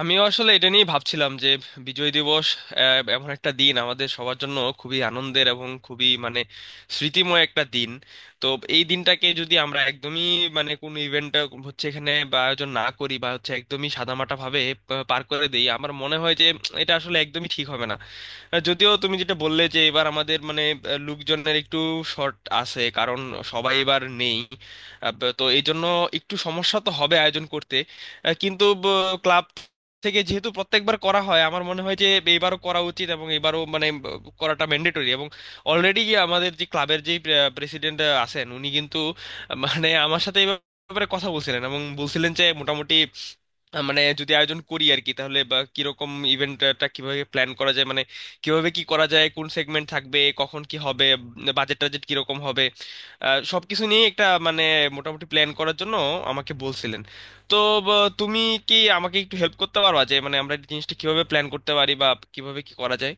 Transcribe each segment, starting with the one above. আমিও আসলে এটা নিয়েই ভাবছিলাম যে বিজয় দিবস এমন একটা দিন আমাদের সবার জন্য খুবই আনন্দের এবং খুবই মানে স্মৃতিময় একটা দিন। তো এই দিনটাকে যদি আমরা একদমই মানে কোনো ইভেন্ট হচ্ছে এখানে বা আয়োজন না করি বা হচ্ছে একদমই সাদামাটা ভাবে পার করে দিই, আমার মনে হয় যে এটা আসলে একদমই ঠিক হবে না। যদিও তুমি যেটা বললে যে এবার আমাদের মানে লোকজনের একটু শর্ট আছে কারণ সবাই এবার নেই। তো এই জন্য একটু সমস্যা তো হবে আয়োজন করতে। কিন্তু ক্লাব থেকে যেহেতু প্রত্যেকবার করা হয়, আমার মনে হয় যে এইবারও করা উচিত এবং এবারও মানে করাটা ম্যান্ডেটরি। এবং অলরেডি আমাদের যে ক্লাবের যে প্রেসিডেন্ট আছেন উনি কিন্তু মানে আমার সাথে এই ব্যাপারে কথা বলছিলেন এবং বলছিলেন যে মোটামুটি মানে যদি আয়োজন করি আর কি তাহলে বা কিরকম ইভেন্টটা কিভাবে প্ল্যান করা যায়, মানে কিভাবে কি করা যায়, কোন সেগমেন্ট থাকবে, কখন কি হবে, বাজেট টাজেট কিরকম হবে, সবকিছু নিয়ে একটা মানে মোটামুটি প্ল্যান করার জন্য আমাকে বলছিলেন। তো বা, তুমি কি আমাকে একটু হেল্প করতে পারবা যে মানে আমরা এই জিনিসটা কিভাবে প্ল্যান করতে পারি বা কিভাবে কি করা যায়?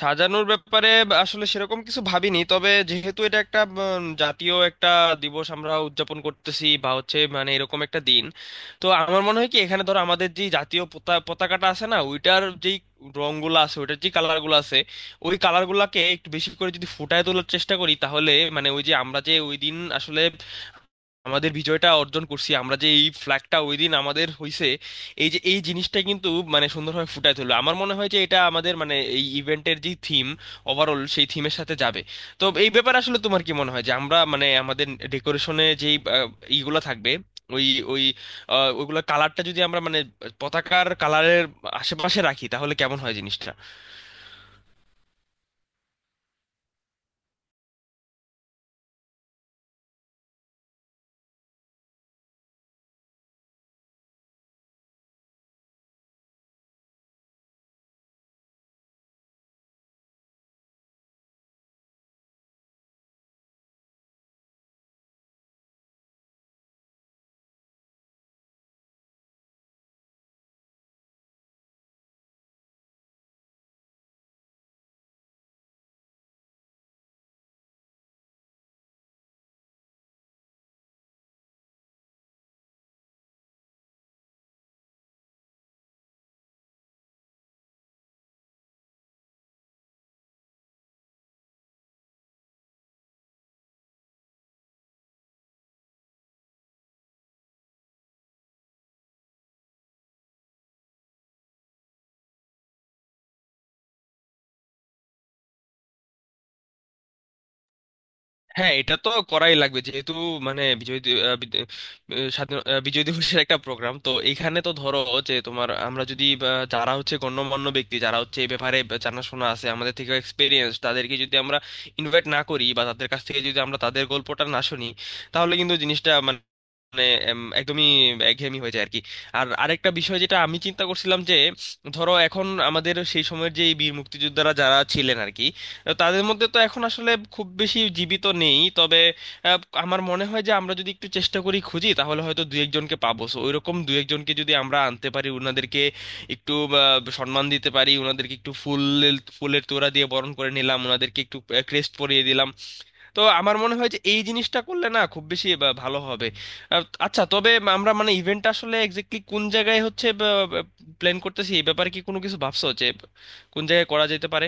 সাজানোর ব্যাপারে আসলে সেরকম কিছু ভাবিনি, তবে যেহেতু এটা একটা জাতীয় একটা দিবস আমরা উদযাপন করতেছি বা হচ্ছে মানে এরকম একটা দিন, তো আমার মনে হয় কি এখানে ধরো আমাদের যে জাতীয় পতাকাটা আছে না ওইটার যেই রংগুলো আছে, ওইটার যে কালারগুলো আছে, ওই কালারগুলোকে একটু বেশি করে যদি ফুটায় তোলার চেষ্টা করি, তাহলে মানে ওই যে আমরা যে ওই দিন আসলে আমাদের বিজয়টা অর্জন করছি, আমরা যে এই ফ্ল্যাগটা ওই দিন আমাদের হইছে, এই যে এই জিনিসটা কিন্তু মানে সুন্দরভাবে ফুটায় তুললো আমার মনে হয় যে এটা আমাদের মানে এই ইভেন্টের যে থিম ওভারঅল সেই থিমের সাথে যাবে। তো এই ব্যাপারে আসলে তোমার কি মনে হয় যে আমরা মানে আমাদের ডেকোরেশনে যেই ইগুলা থাকবে ওই ওই আহ, ওইগুলা কালারটা যদি আমরা মানে পতাকার কালারের আশেপাশে রাখি তাহলে কেমন হয় জিনিসটা? হ্যাঁ, এটা তো করাই লাগবে যেহেতু মানে বিজয় দি- আহ, বিদ- আহ, স্বাধীন- আহ, বিজয় দিবসের একটা প্রোগ্রাম। তো এখানে তো ধরো যে তোমার আমরা যদি যারা হচ্ছে গণ্যমান্য ব্যক্তি, যারা হচ্ছে এই ব্যাপারে জানাশোনা আছে, আমাদের থেকে এক্সপিরিয়েন্স, তাদেরকে যদি আমরা ইনভাইট না করি বা তাদের কাছ থেকে যদি আমরা তাদের গল্পটা না শুনি, তাহলে কিন্তু জিনিসটা মানে মানে একদমই একঘেয়েমি হয়ে যায় আর কি। আর আরেকটা বিষয় যেটা আমি চিন্তা করছিলাম যে ধরো এখন আমাদের সেই সময়ের যে এই বীর মুক্তিযোদ্ধারা যারা ছিলেন আর কি, তাদের মধ্যে তো এখন আসলে খুব বেশি জীবিত নেই, তবে আহ, আমার মনে হয় যে আমরা যদি একটু চেষ্টা করি খুঁজি তাহলে হয়তো দু একজনকে পাবো। সো ওইরকম দু একজনকে যদি আমরা আনতে পারি, ওনাদেরকে একটু সম্মান দিতে পারি, ওনাদেরকে একটু ফুলের তোড়া দিয়ে বরণ করে নিলাম, ওনাদেরকে একটু ক্রেস্ট পরিয়ে দিলাম, তো আমার মনে হয় যে এই জিনিসটা করলে না খুব বেশি ভালো হবে। আচ্ছা, তবে আমরা মানে ইভেন্টটা আসলে এক্স্যাক্টলি কোন জায়গায় হচ্ছে প্ল্যান করতেছি, এই ব্যাপারে কি কোনো কিছু ভাবছো যে কোন জায়গায় করা যেতে পারে?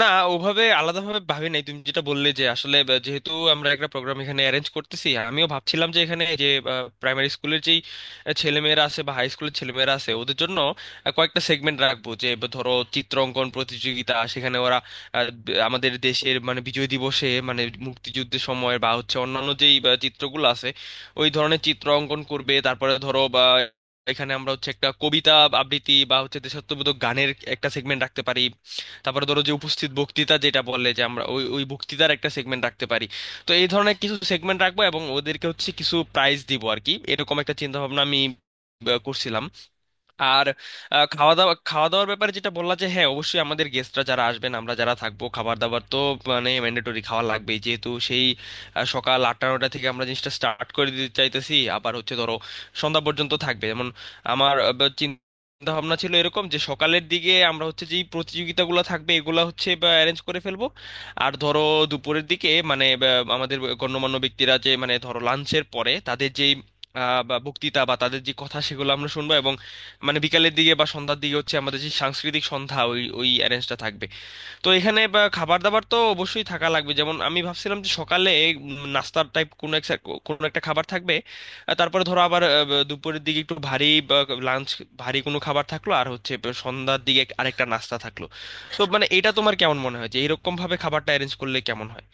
না, ওভাবে আলাদাভাবে ভাবি নাই। তুমি যেটা বললে যে আসলে যেহেতু আমরা একটা প্রোগ্রাম এখানে অ্যারেঞ্জ করতেছি, আমিও ভাবছিলাম যে এখানে যে প্রাইমারি স্কুলের যেই ছেলেমেয়েরা আছে বা হাই স্কুলের ছেলেমেয়েরা আছে ওদের জন্য কয়েকটা সেগমেন্ট রাখবো যে বা ধরো চিত্রাঙ্কন প্রতিযোগিতা, সেখানে ওরা আমাদের দেশের মানে বিজয় দিবসে মানে মুক্তিযুদ্ধের সময় বা হচ্ছে অন্যান্য যেই চিত্রগুলো আছে ওই ধরনের চিত্র অঙ্কন করবে। তারপরে ধরো বা এখানে আমরা হচ্ছে একটা কবিতা আবৃত্তি বা হচ্ছে দেশাত্মবোধক গানের একটা সেগমেন্ট রাখতে পারি। তারপরে ধরো যে উপস্থিত বক্তৃতা যেটা বললে যে আমরা ওই ওই বক্তৃতার একটা সেগমেন্ট রাখতে পারি। তো এই ধরনের কিছু সেগমেন্ট রাখবো এবং ওদেরকে হচ্ছে কিছু প্রাইজ দিব আর কি, এরকম একটা চিন্তা ভাবনা আমি করছিলাম। আর আহ, খাওয়া দাওয়া খাওয়া দাওয়ার ব্যাপারে যেটা বললা যে হ্যাঁ অবশ্যই আমাদের গেস্টরা যারা আসবেন, আমরা যারা থাকবো, খাবার দাবার তো মানে ম্যান্ডেটরি, খাওয়া লাগবেই। যেহেতু সেই সকাল আটটা নটা থেকে আমরা জিনিসটা স্টার্ট করে দিতে চাইতেছি, আবার হচ্ছে ধরো সন্ধ্যা পর্যন্ত থাকবে। যেমন আমার আহ, বা চিন্তা ভাবনা ছিল এরকম যে সকালের দিকে আমরা হচ্ছে যেই প্রতিযোগিতাগুলো থাকবে এগুলা হচ্ছে অ্যারেঞ্জ করে ফেলবো। আর ধরো দুপুরের দিকে মানে আমাদের গণ্যমান্য ব্যক্তিরা যে মানে ধরো লাঞ্চের পরে তাদের যেই আহ, বা বক্তৃতা বা তাদের যে কথা সেগুলো আমরা শুনবো। মানে বিকালের দিকে বা সন্ধ্যার দিকে হচ্ছে আমাদের যে সাংস্কৃতিক সন্ধ্যা ওই ওই অ্যারেঞ্জটা থাকবে। তো এখানে বা খাবার দাবার তো অবশ্যই থাকা লাগবে। যেমন আমি ভাবছিলাম যে সকালে নাস্তার টাইপ কোনো একটা খাবার থাকবে। আর তারপরে ধরো আবার দুপুরের দিকে একটু ভারী লাঞ্চ, ভারী কোনো খাবার থাকলো, আর হচ্ছে সন্ধ্যার দিকে আরেকটা নাস্তা থাকলো। তো মানে এটা তোমার কেমন মনে হয় যে এরকম ভাবে খাবারটা অ্যারেঞ্জ করলে কেমন হয়?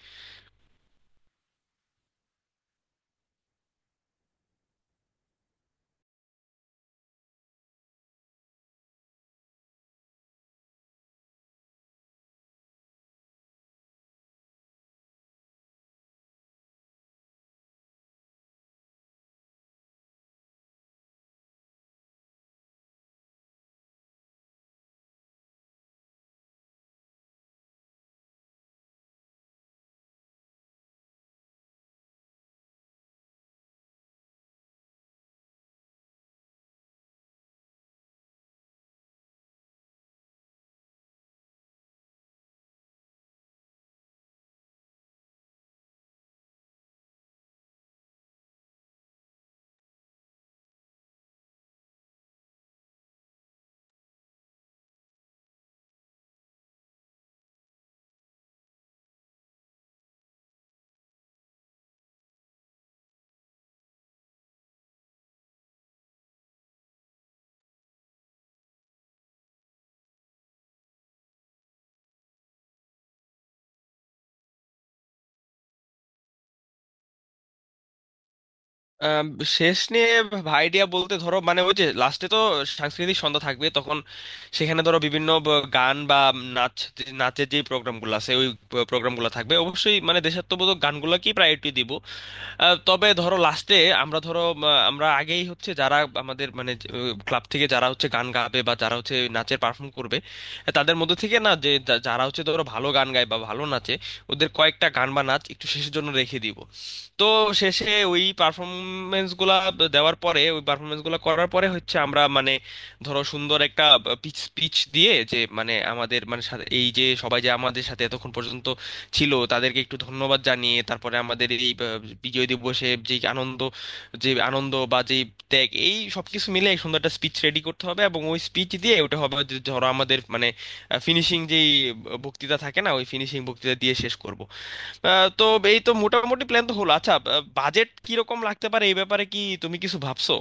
আম, শেষ নিয়ে ভাইডিয়া বলতে ধরো মানে ওই যে লাস্টে তো সাংস্কৃতিক সন্ধ্যা থাকবে, তখন সেখানে ধরো বিভিন্ন গান বা নাচ, নাচের যে প্রোগ্রামগুলো আছে ওই প্রোগ্রামগুলো থাকবে, অবশ্যই মানে দেশাত্মবোধক গানগুলোকেই প্রায়োরিটি দিব। তবে ধরো লাস্টে আমরা ধরো আমরা আগেই হচ্ছে যারা আমাদের মানে ক্লাব থেকে যারা হচ্ছে গান গাবে বা যারা হচ্ছে নাচের পারফর্ম করবে, তাদের মধ্যে থেকে না যে যারা হচ্ছে ধরো ভালো গান গায় বা ভালো নাচে, ওদের কয়েকটা গান বা নাচ একটু শেষের জন্য রেখে দিব। তো শেষে ওই পারফরমেন্স গুলা দেওয়ার পরে ওই পারফরমেন্স গুলা করার পরে হচ্ছে আমরা মানে ধরো সুন্দর একটা স্পিচ দিয়ে যে মানে আমাদের মানে এই যে সবাই যে আমাদের সাথে এতক্ষণ পর্যন্ত ছিল তাদেরকে একটু ধন্যবাদ জানিয়ে, তারপরে আমাদের এই বিজয় দিবসে যে আনন্দ, যে আনন্দ বা যে ত্যাগ, এই সবকিছু মিলে এক সুন্দর একটা স্পিচ রেডি করতে হবে এবং ওই স্পিচ দিয়ে ওটা হবে যে ধরো আমাদের মানে ফিনিশিং যেই বক্তৃতা থাকে না ওই ফিনিশিং বক্তৃতা দিয়ে শেষ করব। তো এই তো মোটামুটি প্ল্যান তো হলো। আচ্ছা, বাজেট কিরকম লাগতে পারে এই ব্যাপারে কি তুমি কিছু ভাবছো?